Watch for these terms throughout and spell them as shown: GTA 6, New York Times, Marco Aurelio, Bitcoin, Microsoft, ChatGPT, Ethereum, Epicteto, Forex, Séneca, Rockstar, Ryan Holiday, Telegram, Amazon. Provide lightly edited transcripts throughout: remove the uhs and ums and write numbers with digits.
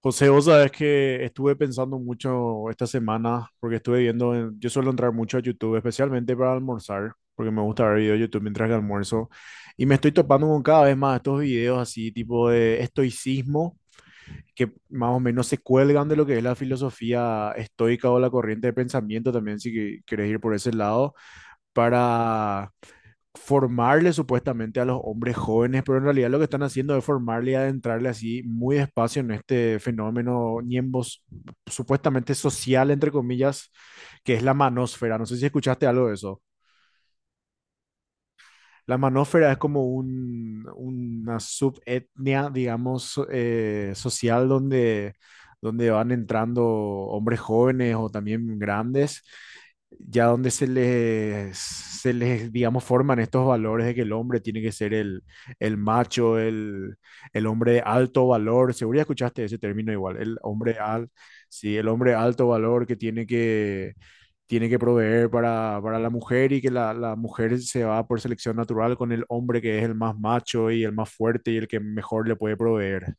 José, vos sabés que estuve pensando mucho esta semana porque estuve viendo, yo suelo entrar mucho a YouTube, especialmente para almorzar, porque me gusta ver videos de YouTube mientras que almuerzo, y me estoy topando con cada vez más estos videos así, tipo de estoicismo, que más o menos se cuelgan de lo que es la filosofía estoica o la corriente de pensamiento también, si querés ir por ese lado, para formarle supuestamente a los hombres jóvenes, pero en realidad lo que están haciendo es formarle y adentrarle así muy despacio en este fenómeno ñembos supuestamente social, entre comillas, que es la manósfera. ¿No sé si escuchaste algo de eso? La manófera es como una subetnia, digamos, social donde, donde van entrando hombres jóvenes o también grandes, ya donde se les, digamos, forman estos valores de que el hombre tiene que ser el macho, el hombre de alto valor. Seguro ya escuchaste ese término igual, el hombre al, sí, el hombre de alto valor que tiene que proveer para la mujer y que la mujer se va por selección natural con el hombre que es el más macho y el más fuerte y el que mejor le puede proveer.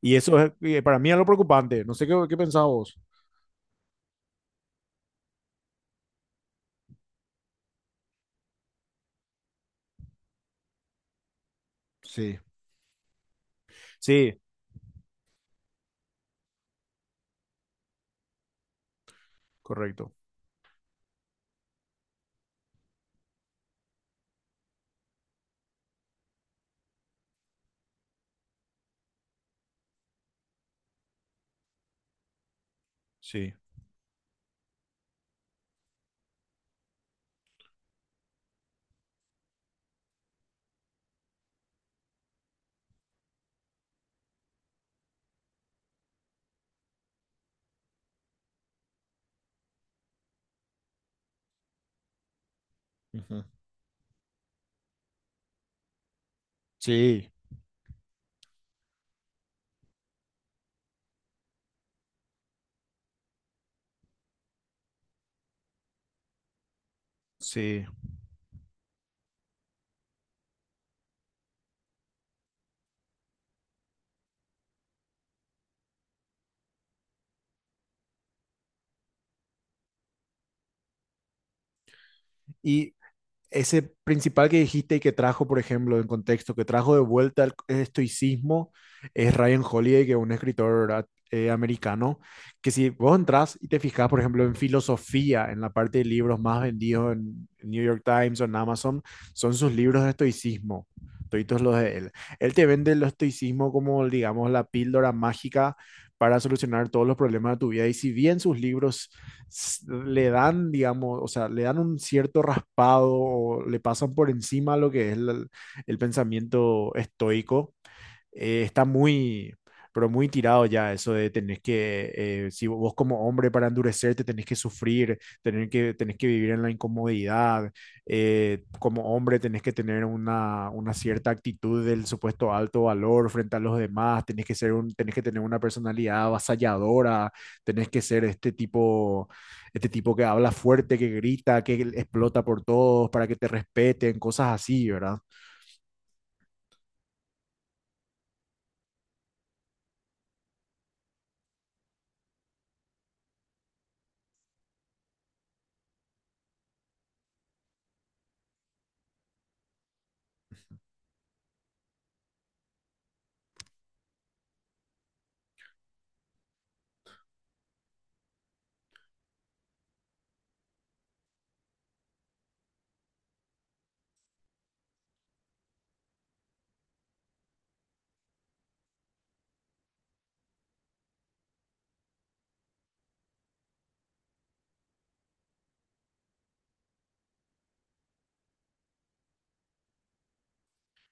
Y eso es, para mí es lo preocupante. No sé qué pensás vos. Sí, sí, correcto. Sí. Ujú. Sí, sí. Y ese principal que dijiste y que trajo, por ejemplo, en contexto, que trajo de vuelta el estoicismo, es Ryan Holiday, que es un escritor americano, que si vos entras y te fijas, por ejemplo, en filosofía, en la parte de libros más vendidos en New York Times o en Amazon, son sus libros de estoicismo, toditos los de él. Él te vende el estoicismo como, digamos, la píldora mágica para solucionar todos los problemas de tu vida. Y si bien sus libros le dan, digamos, o sea, le dan un cierto raspado o le pasan por encima lo que es el pensamiento estoico está pero muy tirado ya eso de tenés si vos como hombre para endurecerte tenés que sufrir, tenés que vivir en la incomodidad, como hombre tenés que tener una cierta actitud del supuesto alto valor frente a los demás, tenés que ser tenés que tener una personalidad avasalladora, tenés que ser este tipo que habla fuerte, que grita, que explota por todos para que te respeten, cosas así, ¿verdad?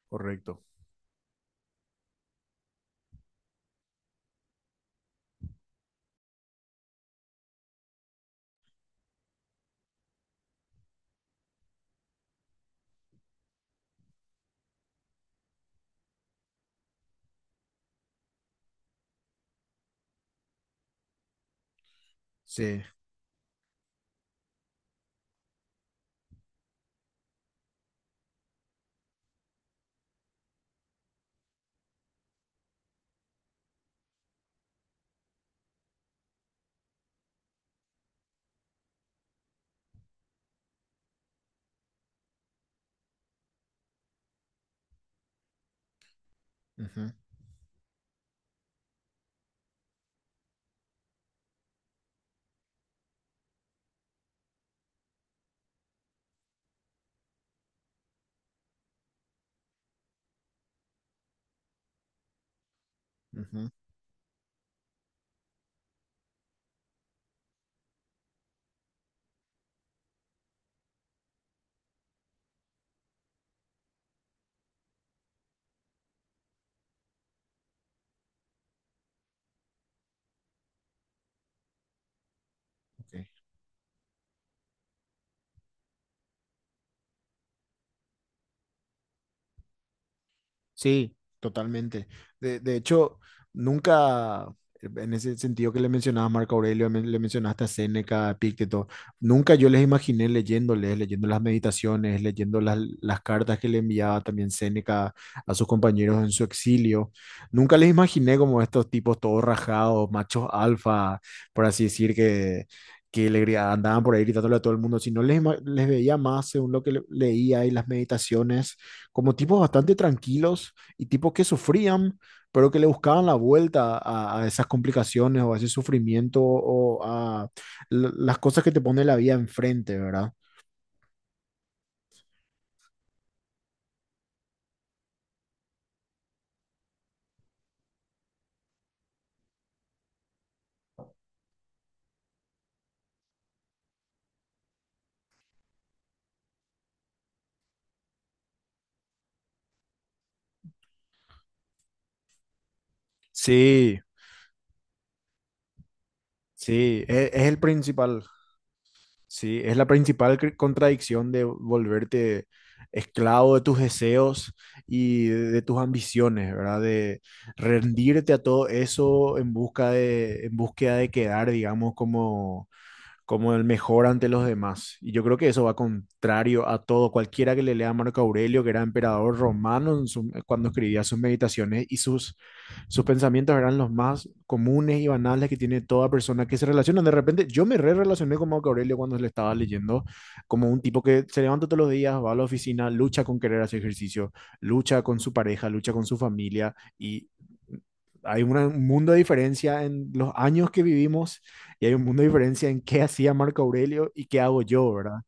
Correcto. Sí. Ujú. Ujú, ok. Sí, totalmente. De hecho, nunca, en ese sentido que le mencionabas a Marco Aurelio, le mencionaste a Séneca, a Epicteto, nunca yo les imaginé leyéndoles, leyendo las meditaciones, leyendo las cartas que le enviaba también Séneca a sus compañeros en su exilio. Nunca les imaginé como estos tipos todos rajados, machos alfa, por así decir, que andaban por ahí gritándole a todo el mundo, sino les veía más según lo que leía y las meditaciones, como tipos bastante tranquilos y tipos que sufrían, pero que le buscaban la vuelta a esas complicaciones o a ese sufrimiento o a las cosas que te pone la vida enfrente, ¿verdad? Sí, sí, es el principal, sí, es la principal contradicción de volverte esclavo de tus deseos y de tus ambiciones, ¿verdad? De rendirte a todo eso en busca de, en búsqueda de quedar, digamos, como como el mejor ante los demás. Y yo creo que eso va contrario a todo. Cualquiera que le lea a Marco Aurelio, que era emperador romano en su, cuando escribía sus meditaciones y sus pensamientos eran los más comunes y banales que tiene toda persona que se relaciona. De repente, yo me re relacioné con Marco Aurelio cuando le estaba leyendo, como un tipo que se levanta todos los días, va a la oficina, lucha con querer hacer ejercicio, lucha con su pareja, lucha con su familia y hay un mundo de diferencia en los años que vivimos y hay un mundo de diferencia en qué hacía Marco Aurelio y qué hago yo, ¿verdad?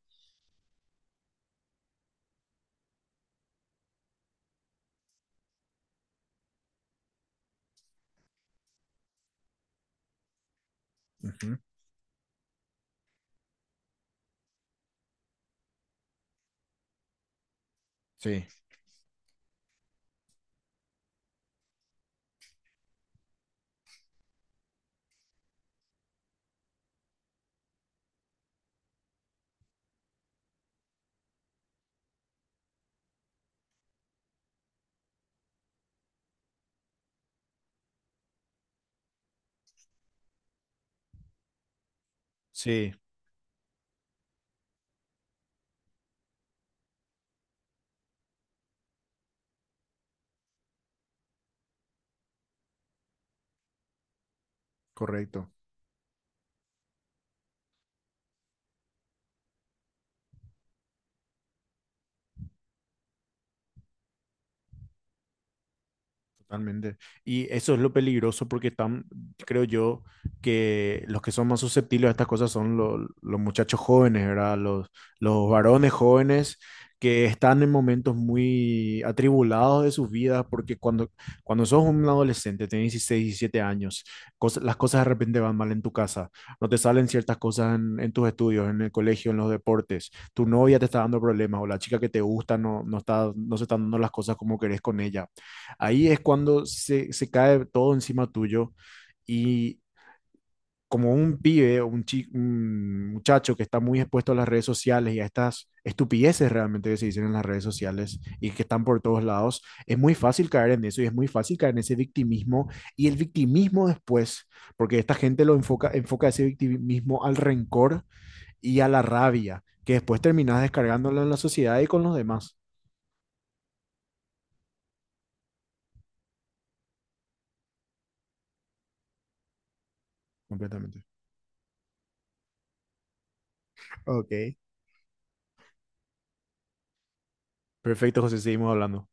Ujú. Sí, sí, correcto. Totalmente. Y eso es lo peligroso porque están, creo yo, que los que son más susceptibles a estas cosas son los muchachos jóvenes, ¿verdad? Los varones jóvenes que están en momentos muy atribulados de sus vidas porque cuando, cuando sos un adolescente, tenés 16, 17 años, las cosas de repente van mal en tu casa, no te salen ciertas cosas en tus estudios, en el colegio, en los deportes, tu novia te está dando problemas o la chica que te gusta no está, no se están dando las cosas como querés con ella. Ahí es cuando se cae todo encima tuyo y como un pibe o un muchacho que está muy expuesto a las redes sociales y a estas estupideces realmente que se dicen en las redes sociales y que están por todos lados, es muy fácil caer en eso y es muy fácil caer en ese victimismo y el victimismo después, porque esta gente lo enfoca, enfoca ese victimismo al rencor y a la rabia, que después terminas descargándolo en la sociedad y con los demás completamente. Ok. Perfecto, José, seguimos hablando.